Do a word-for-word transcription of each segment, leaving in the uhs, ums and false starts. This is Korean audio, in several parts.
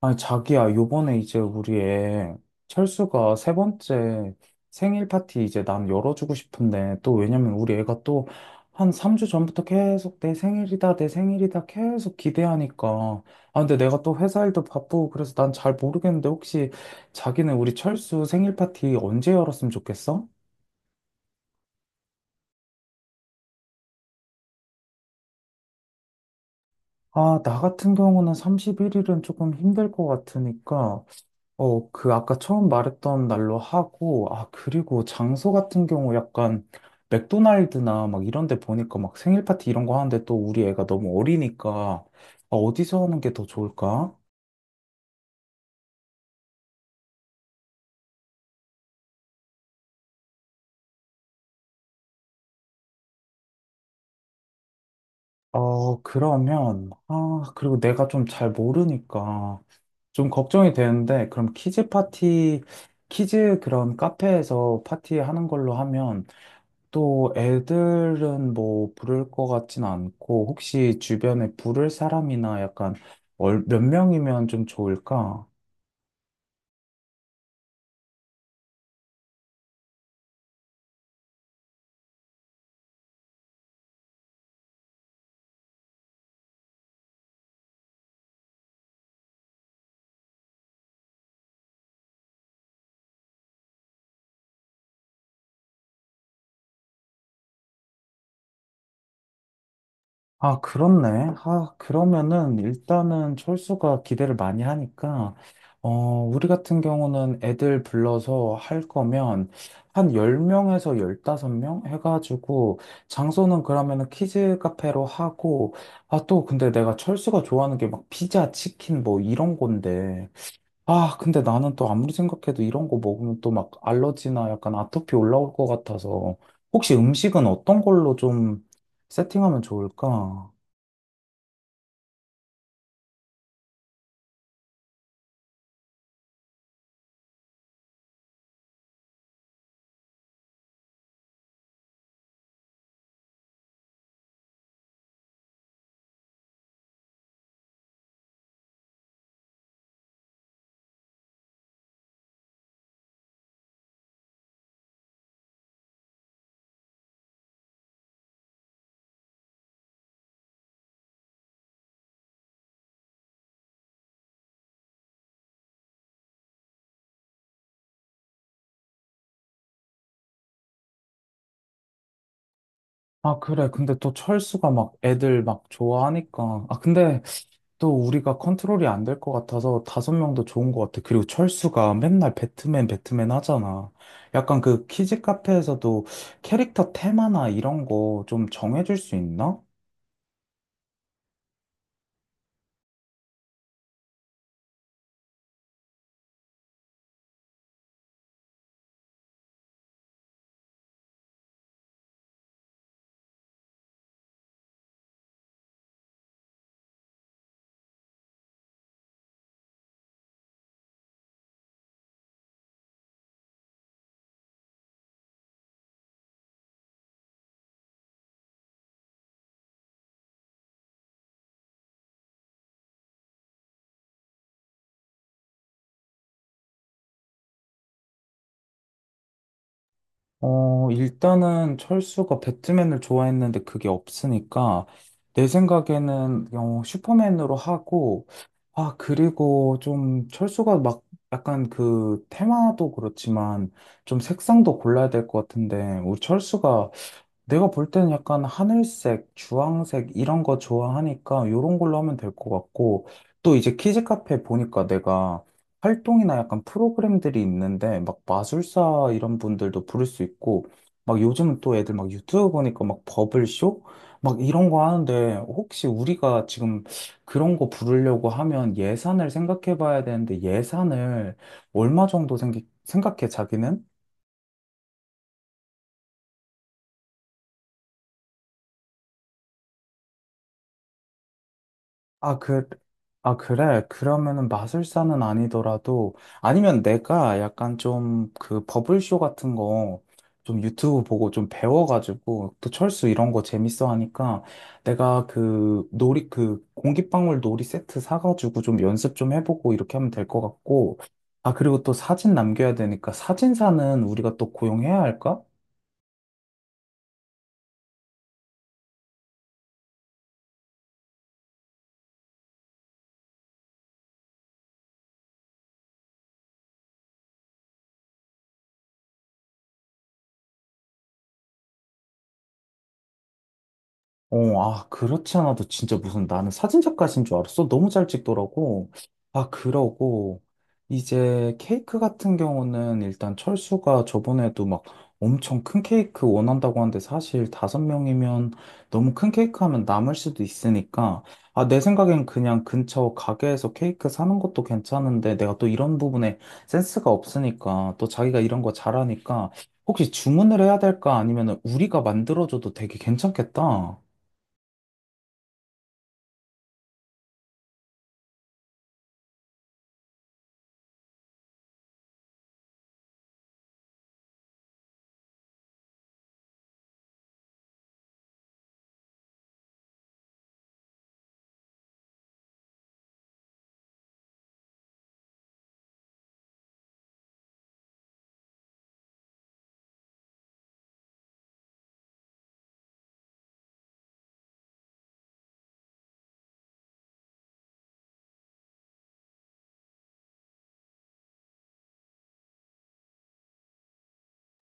아니, 자기야, 요번에 이제 우리 애 철수가 세 번째 생일 파티 이제 난 열어주고 싶은데, 또 왜냐면 우리 애가 또 한 삼 주 전부터 계속 내 생일이다, 내 생일이다 계속 기대하니까. 아, 근데 내가 또 회사 일도 바쁘고 그래서 난 잘 모르겠는데 혹시 자기는 우리 철수 생일 파티 언제 열었으면 좋겠어? 아, 나 같은 경우는 삼십일 일은 조금 힘들 것 같으니까. 어, 그 아까 처음 말했던 날로 하고, 아, 그리고 장소 같은 경우 약간 맥도날드나 막 이런 데 보니까 막 생일 파티 이런 거 하는데 또 우리 애가 너무 어리니까 아, 어디서 하는 게 더 좋을까? 어, 그러면, 아, 그리고 내가 좀 잘 모르니까 좀 걱정이 되는데, 그럼 키즈 파티, 키즈 그런 카페에서 파티 하는 걸로 하면 또 애들은 뭐 부를 것 같진 않고 혹시 주변에 부를 사람이나 약간 얼- 몇 명이면 좀 좋을까? 아, 그렇네. 아, 그러면은 일단은 철수가 기대를 많이 하니까 어, 우리 같은 경우는 애들 불러서 할 거면 한 열 명에서 열다섯 명 해가지고 장소는 그러면은 키즈 카페로 하고 아, 또 근데 내가 철수가 좋아하는 게 막 피자, 치킨 뭐 이런 건데 아, 근데 나는 또 아무리 생각해도 이런 거 먹으면 또 막 알러지나 약간 아토피 올라올 것 같아서 혹시 음식은 어떤 걸로 좀 세팅하면 좋을까? 아, 그래. 근데 또 철수가 막 애들 막 좋아하니까. 아, 근데 또 우리가 컨트롤이 안 될 것 같아서 다섯 명도 좋은 것 같아. 그리고 철수가 맨날 배트맨, 배트맨 하잖아. 약간 그 키즈 카페에서도 캐릭터 테마나 이런 거 좀 정해줄 수 있나? 어, 일단은 철수가 배트맨을 좋아했는데 그게 없으니까 내 생각에는 어, 슈퍼맨으로 하고 아, 그리고 좀 철수가 막 약간 그 테마도 그렇지만 좀 색상도 골라야 될 것 같은데 우리 철수가 내가 볼 때는 약간 하늘색, 주황색 이런 거 좋아하니까 요런 걸로 하면 될 것 같고 또 이제 키즈 카페 보니까 내가 활동이나 약간 프로그램들이 있는데 막 마술사 이런 분들도 부를 수 있고 막 요즘은 또 애들 막 유튜브 보니까 막 버블쇼 막 이런 거 하는데 혹시 우리가 지금 그런 거 부르려고 하면 예산을 생각해 봐야 되는데 예산을 얼마 정도 생기, 생각해 자기는? 아, 그, 아, 그래. 그러면은 마술사는 아니더라도, 아니면 내가 약간 좀 그 버블쇼 같은 거 좀 유튜브 보고 좀 배워가지고, 또 철수 이런 거 재밌어 하니까, 내가 그 놀이, 그 공기방울 놀이 세트 사가지고 좀 연습 좀 해보고 이렇게 하면 될 것 같고, 아, 그리고 또 사진 남겨야 되니까 사진사는 우리가 또 고용해야 할까? 어, 아, 그렇지 않아도 진짜 무슨 나는 사진작가신 줄 알았어. 너무 잘 찍더라고. 아, 그러고, 이제 케이크 같은 경우는 일단 철수가 저번에도 막 엄청 큰 케이크 원한다고 하는데 사실 다섯 명이면 너무 큰 케이크 하면 남을 수도 있으니까, 아, 내 생각엔 그냥 근처 가게에서 케이크 사는 것도 괜찮은데 내가 또 이런 부분에 센스가 없으니까 또 자기가 이런 거 잘하니까 혹시 주문을 해야 될까? 아니면 우리가 만들어줘도 되게 괜찮겠다.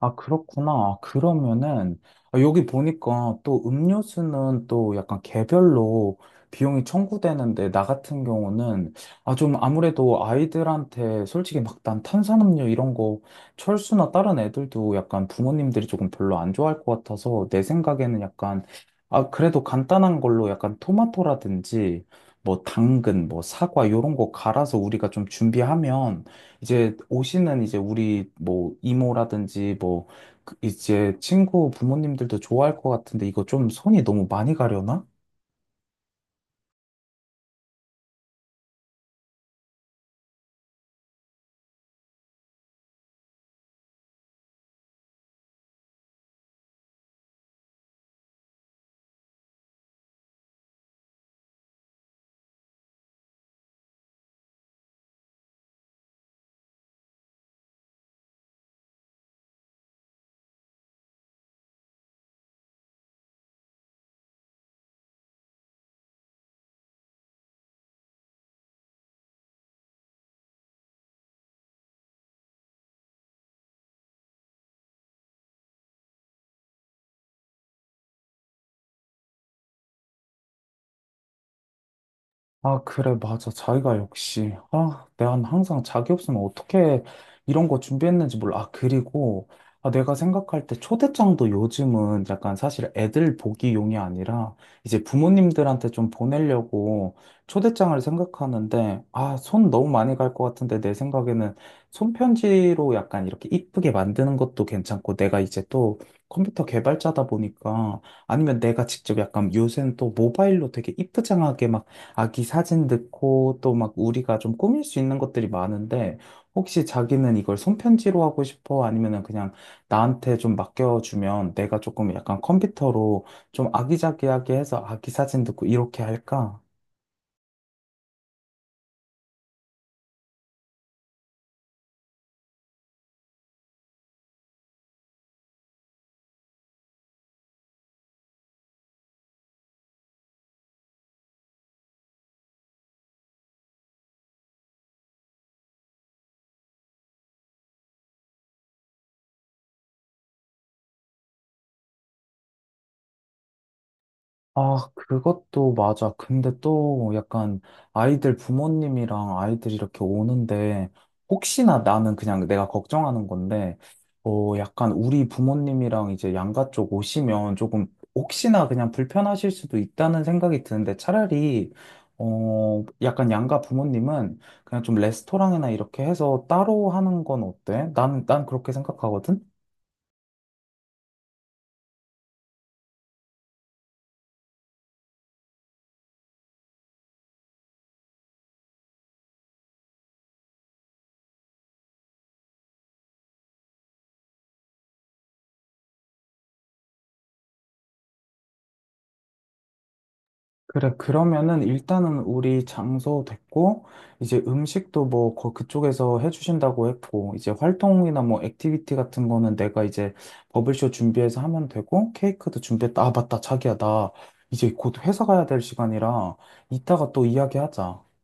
아, 그렇구나. 그러면은, 아, 여기 보니까 또 음료수는 또 약간 개별로 비용이 청구되는데, 나 같은 경우는, 아, 좀 아무래도 아이들한테 솔직히 막 난 탄산음료 이런 거, 철수나 다른 애들도 약간 부모님들이 조금 별로 안 좋아할 것 같아서, 내 생각에는 약간, 아, 그래도 간단한 걸로 약간 토마토라든지, 뭐 당근, 뭐 사과, 요런 거 갈아서 우리가 좀 준비하면, 이제 옷이는 이제 우리 뭐 이모라든지 뭐 그 이제 친구 부모님들도 좋아할 것 같은데 이거 좀 손이 너무 많이 가려나? 아, 그래, 맞아. 자기가 역시. 아, 난 항상 자기 없으면 어떻게 이런 거 준비했는지 몰라. 아, 그리고, 아, 내가 생각할 때 초대장도 요즘은 약간 사실 애들 보기용이 아니라 이제 부모님들한테 좀 보내려고 초대장을 생각하는데, 아, 손 너무 많이 갈 것 같은데 내 생각에는 손편지로 약간 이렇게 이쁘게 만드는 것도 괜찮고, 내가 이제 또 컴퓨터 개발자다 보니까 아니면 내가 직접 약간 요새는 또 모바일로 되게 이쁘장하게 막 아기 사진 넣고 또 막 우리가 좀 꾸밀 수 있는 것들이 많은데 혹시 자기는 이걸 손편지로 하고 싶어? 아니면은 그냥 나한테 좀 맡겨주면 내가 조금 약간 컴퓨터로 좀 아기자기하게 해서 아기 사진 넣고 이렇게 할까? 아, 그것도 맞아. 근데 또 약간 아이들 부모님이랑 아이들이 이렇게 오는데 혹시나 나는 그냥 내가 걱정하는 건데 어, 약간 우리 부모님이랑 이제 양가 쪽 오시면 조금 혹시나 그냥 불편하실 수도 있다는 생각이 드는데 차라리 어, 약간 양가 부모님은 그냥 좀 레스토랑이나 이렇게 해서 따로 하는 건 어때? 난, 난 그렇게 생각하거든. 그래, 그러면은 일단은 우리 장소 됐고, 이제 음식도 뭐 거- 그쪽에서 해주신다고 했고, 이제 활동이나 뭐 액티비티 같은 거는 내가 이제 버블쇼 준비해서 하면 되고, 케이크도 준비했다. 아, 맞다. 자기야, 나 이제 곧 회사 가야 될 시간이라 이따가 또 이야기하자.